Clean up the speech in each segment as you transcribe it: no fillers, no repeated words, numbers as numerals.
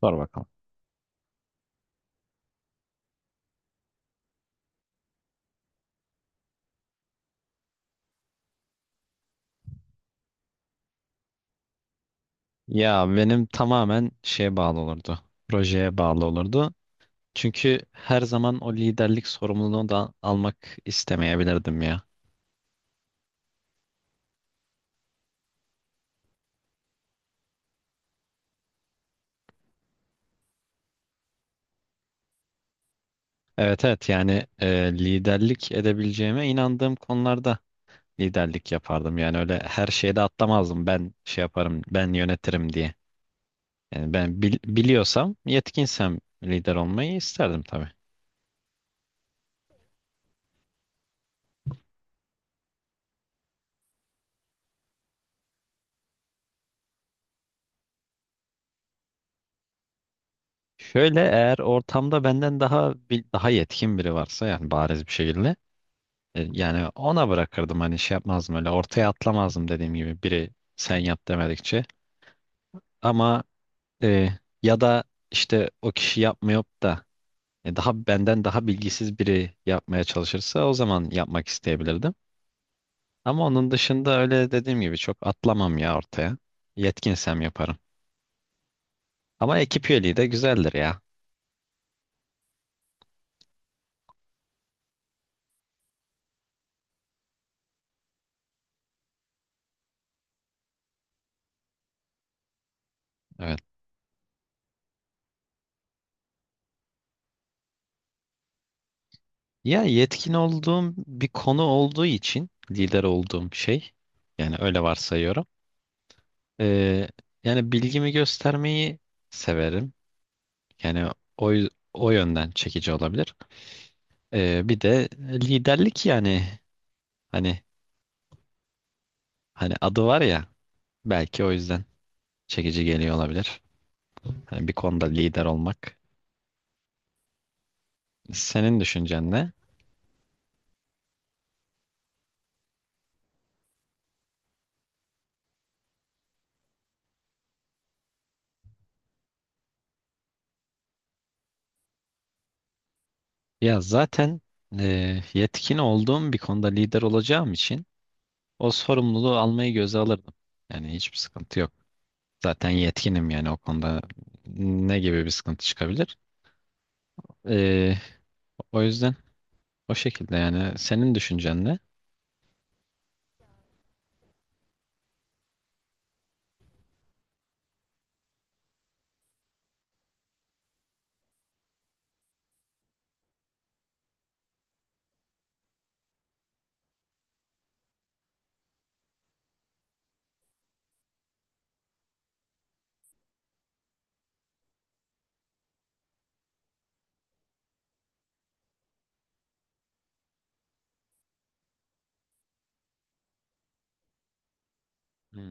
Sor bakalım. Ya benim tamamen şeye bağlı olurdu. Projeye bağlı olurdu. Çünkü her zaman o liderlik sorumluluğunu da almak istemeyebilirdim ya. Evet, evet, yani liderlik edebileceğime inandığım konularda liderlik yapardım. Yani öyle her şeyde atlamazdım, ben şey yaparım ben yönetirim diye. Yani biliyorsam, yetkinsem lider olmayı isterdim tabii. Şöyle, eğer ortamda daha yetkin biri varsa, yani bariz bir şekilde, yani ona bırakırdım, hani şey yapmazdım, öyle ortaya atlamazdım, dediğim gibi biri sen yap demedikçe. Ama, e, ya da işte o kişi yapmıyor da, benden daha bilgisiz biri yapmaya çalışırsa o zaman yapmak isteyebilirdim. Ama onun dışında, öyle dediğim gibi, çok atlamam ya ortaya. Yetkinsem yaparım. Ama ekip üyeliği de güzeldir ya. Evet. Ya yetkin olduğum bir konu olduğu için lider olduğum şey, yani öyle varsayıyorum. Ee, yani bilgimi göstermeyi severim. Yani o yönden çekici olabilir. Bir de liderlik, yani hani hani adı var ya, belki o yüzden çekici geliyor olabilir. Hani bir konuda lider olmak. Senin düşüncen ne? Ya zaten, yetkin olduğum bir konuda lider olacağım için o sorumluluğu almayı göze alırdım. Yani hiçbir sıkıntı yok. Zaten yetkinim, yani o konuda ne gibi bir sıkıntı çıkabilir? Ee, o yüzden. O şekilde yani. Senin düşüncen ne? Hmm.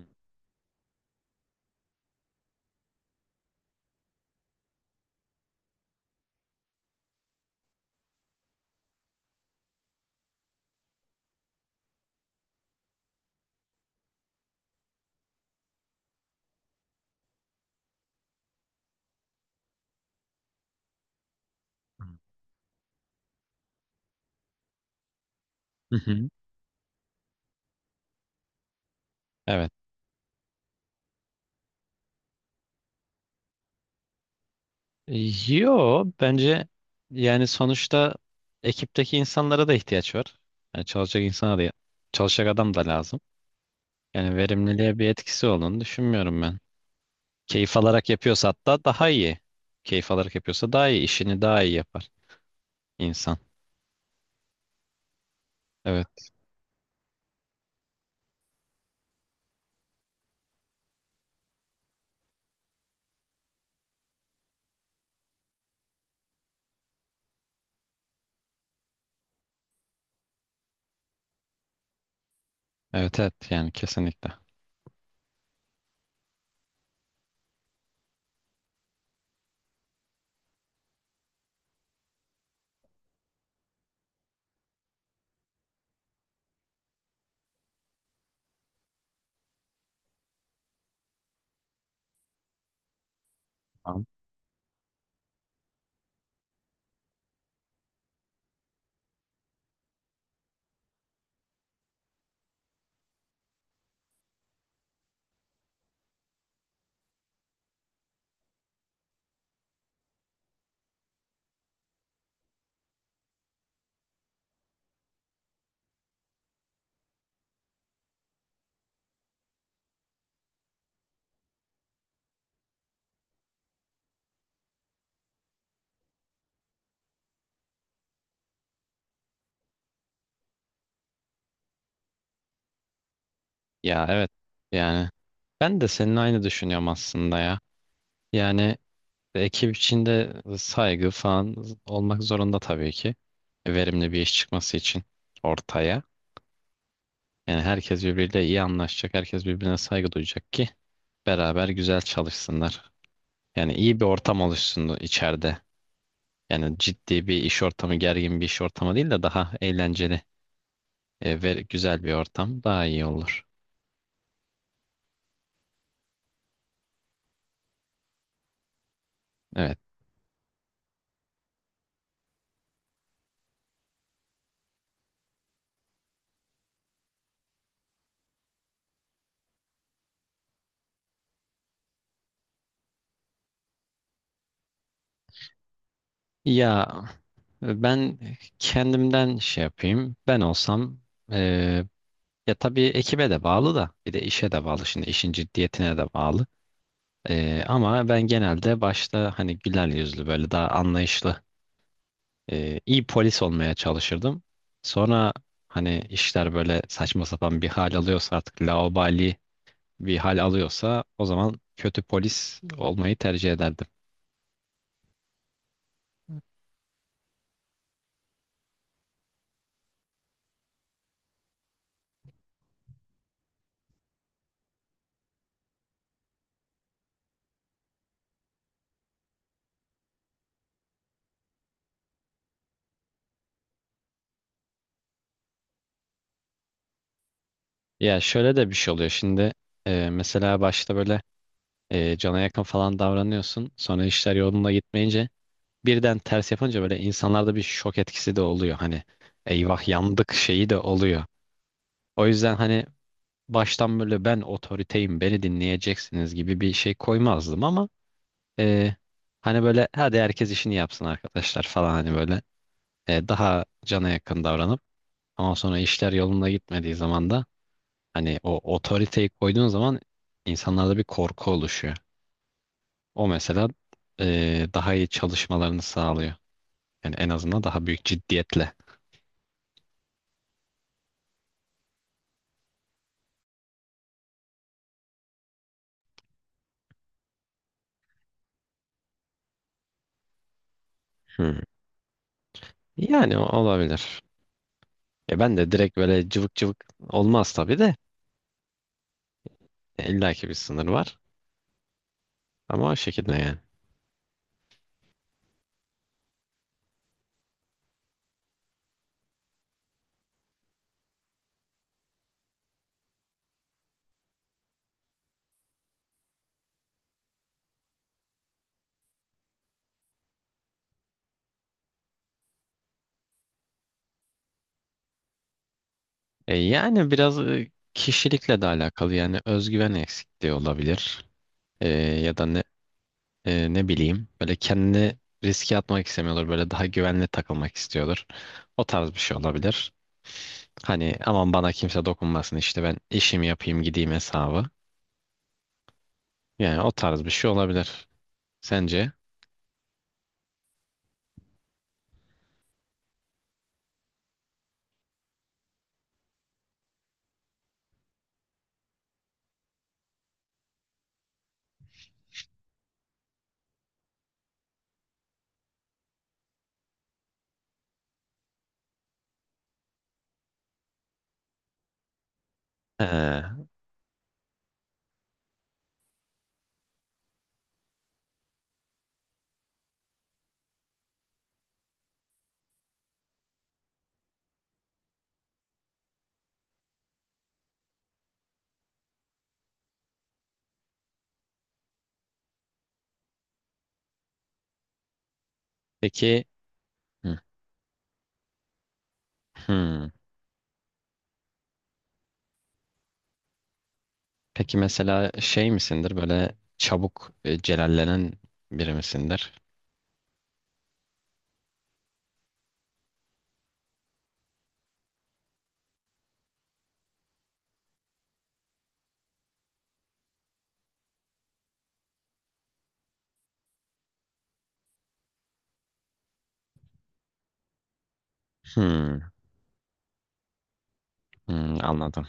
Hı hı. Evet. Yo, bence yani sonuçta ekipteki insanlara da ihtiyaç var. Yani çalışacak insana da, çalışacak adam da lazım. Yani verimliliğe bir etkisi olduğunu düşünmüyorum ben. Keyif alarak yapıyorsa hatta daha iyi. Keyif alarak yapıyorsa daha iyi. İşini daha iyi yapar insan. Evet. Evet, evet, yani kesinlikle. Tamam. Ya evet, yani ben de senin aynı düşünüyorum aslında ya. Yani ekip içinde saygı falan olmak zorunda tabii ki. Verimli bir iş çıkması için ortaya. Yani herkes birbiriyle iyi anlaşacak, herkes birbirine saygı duyacak ki beraber güzel çalışsınlar. Yani iyi bir ortam oluşsun içeride. Yani ciddi bir iş ortamı, gergin bir iş ortamı değil de daha eğlenceli ve güzel bir ortam daha iyi olur. Evet. Ya ben kendimden şey yapayım. Ben olsam, e, ya tabii ekibe de bağlı da, bir de işe de bağlı. Şimdi işin ciddiyetine de bağlı. Ama ben genelde başta hani güler yüzlü, böyle daha anlayışlı, iyi polis olmaya çalışırdım. Sonra hani işler böyle saçma sapan bir hal alıyorsa, artık laubali bir hal alıyorsa, o zaman kötü polis olmayı tercih ederdim. Ya şöyle de bir şey oluyor şimdi, mesela başta böyle cana yakın falan davranıyorsun, sonra işler yolunda gitmeyince birden ters yapınca böyle insanlarda bir şok etkisi de oluyor. Hani eyvah yandık şeyi de oluyor. O yüzden hani baştan böyle ben otoriteyim, beni dinleyeceksiniz gibi bir şey koymazdım ama, e, hani böyle hadi herkes işini yapsın arkadaşlar falan, hani böyle daha cana yakın davranıp, ama sonra işler yolunda gitmediği zaman da, hani o otoriteyi koyduğun zaman insanlarda bir korku oluşuyor. O mesela daha iyi çalışmalarını sağlıyor. Yani en azından daha büyük ciddiyetle. Hı. Yani olabilir. Ya ben de direkt böyle cıvık cıvık olmaz tabii de. İlla ki bir sınır var. Ama o şekilde yani. Yani biraz kişilikle de alakalı, yani özgüven eksikliği olabilir. E, ya da ne, ne bileyim, böyle kendini riske atmak istemiyordur. Böyle daha güvenli takılmak istiyordur. O tarz bir şey olabilir. Hani aman bana kimse dokunmasın, işte ben işimi yapayım gideyim hesabı. Yani o tarz bir şey olabilir. Sence? Ee, peki. Hı. Hmm. Peki mesela şey misindir, böyle çabuk celallenen biri misindir? Hmm. Hmm, anladım.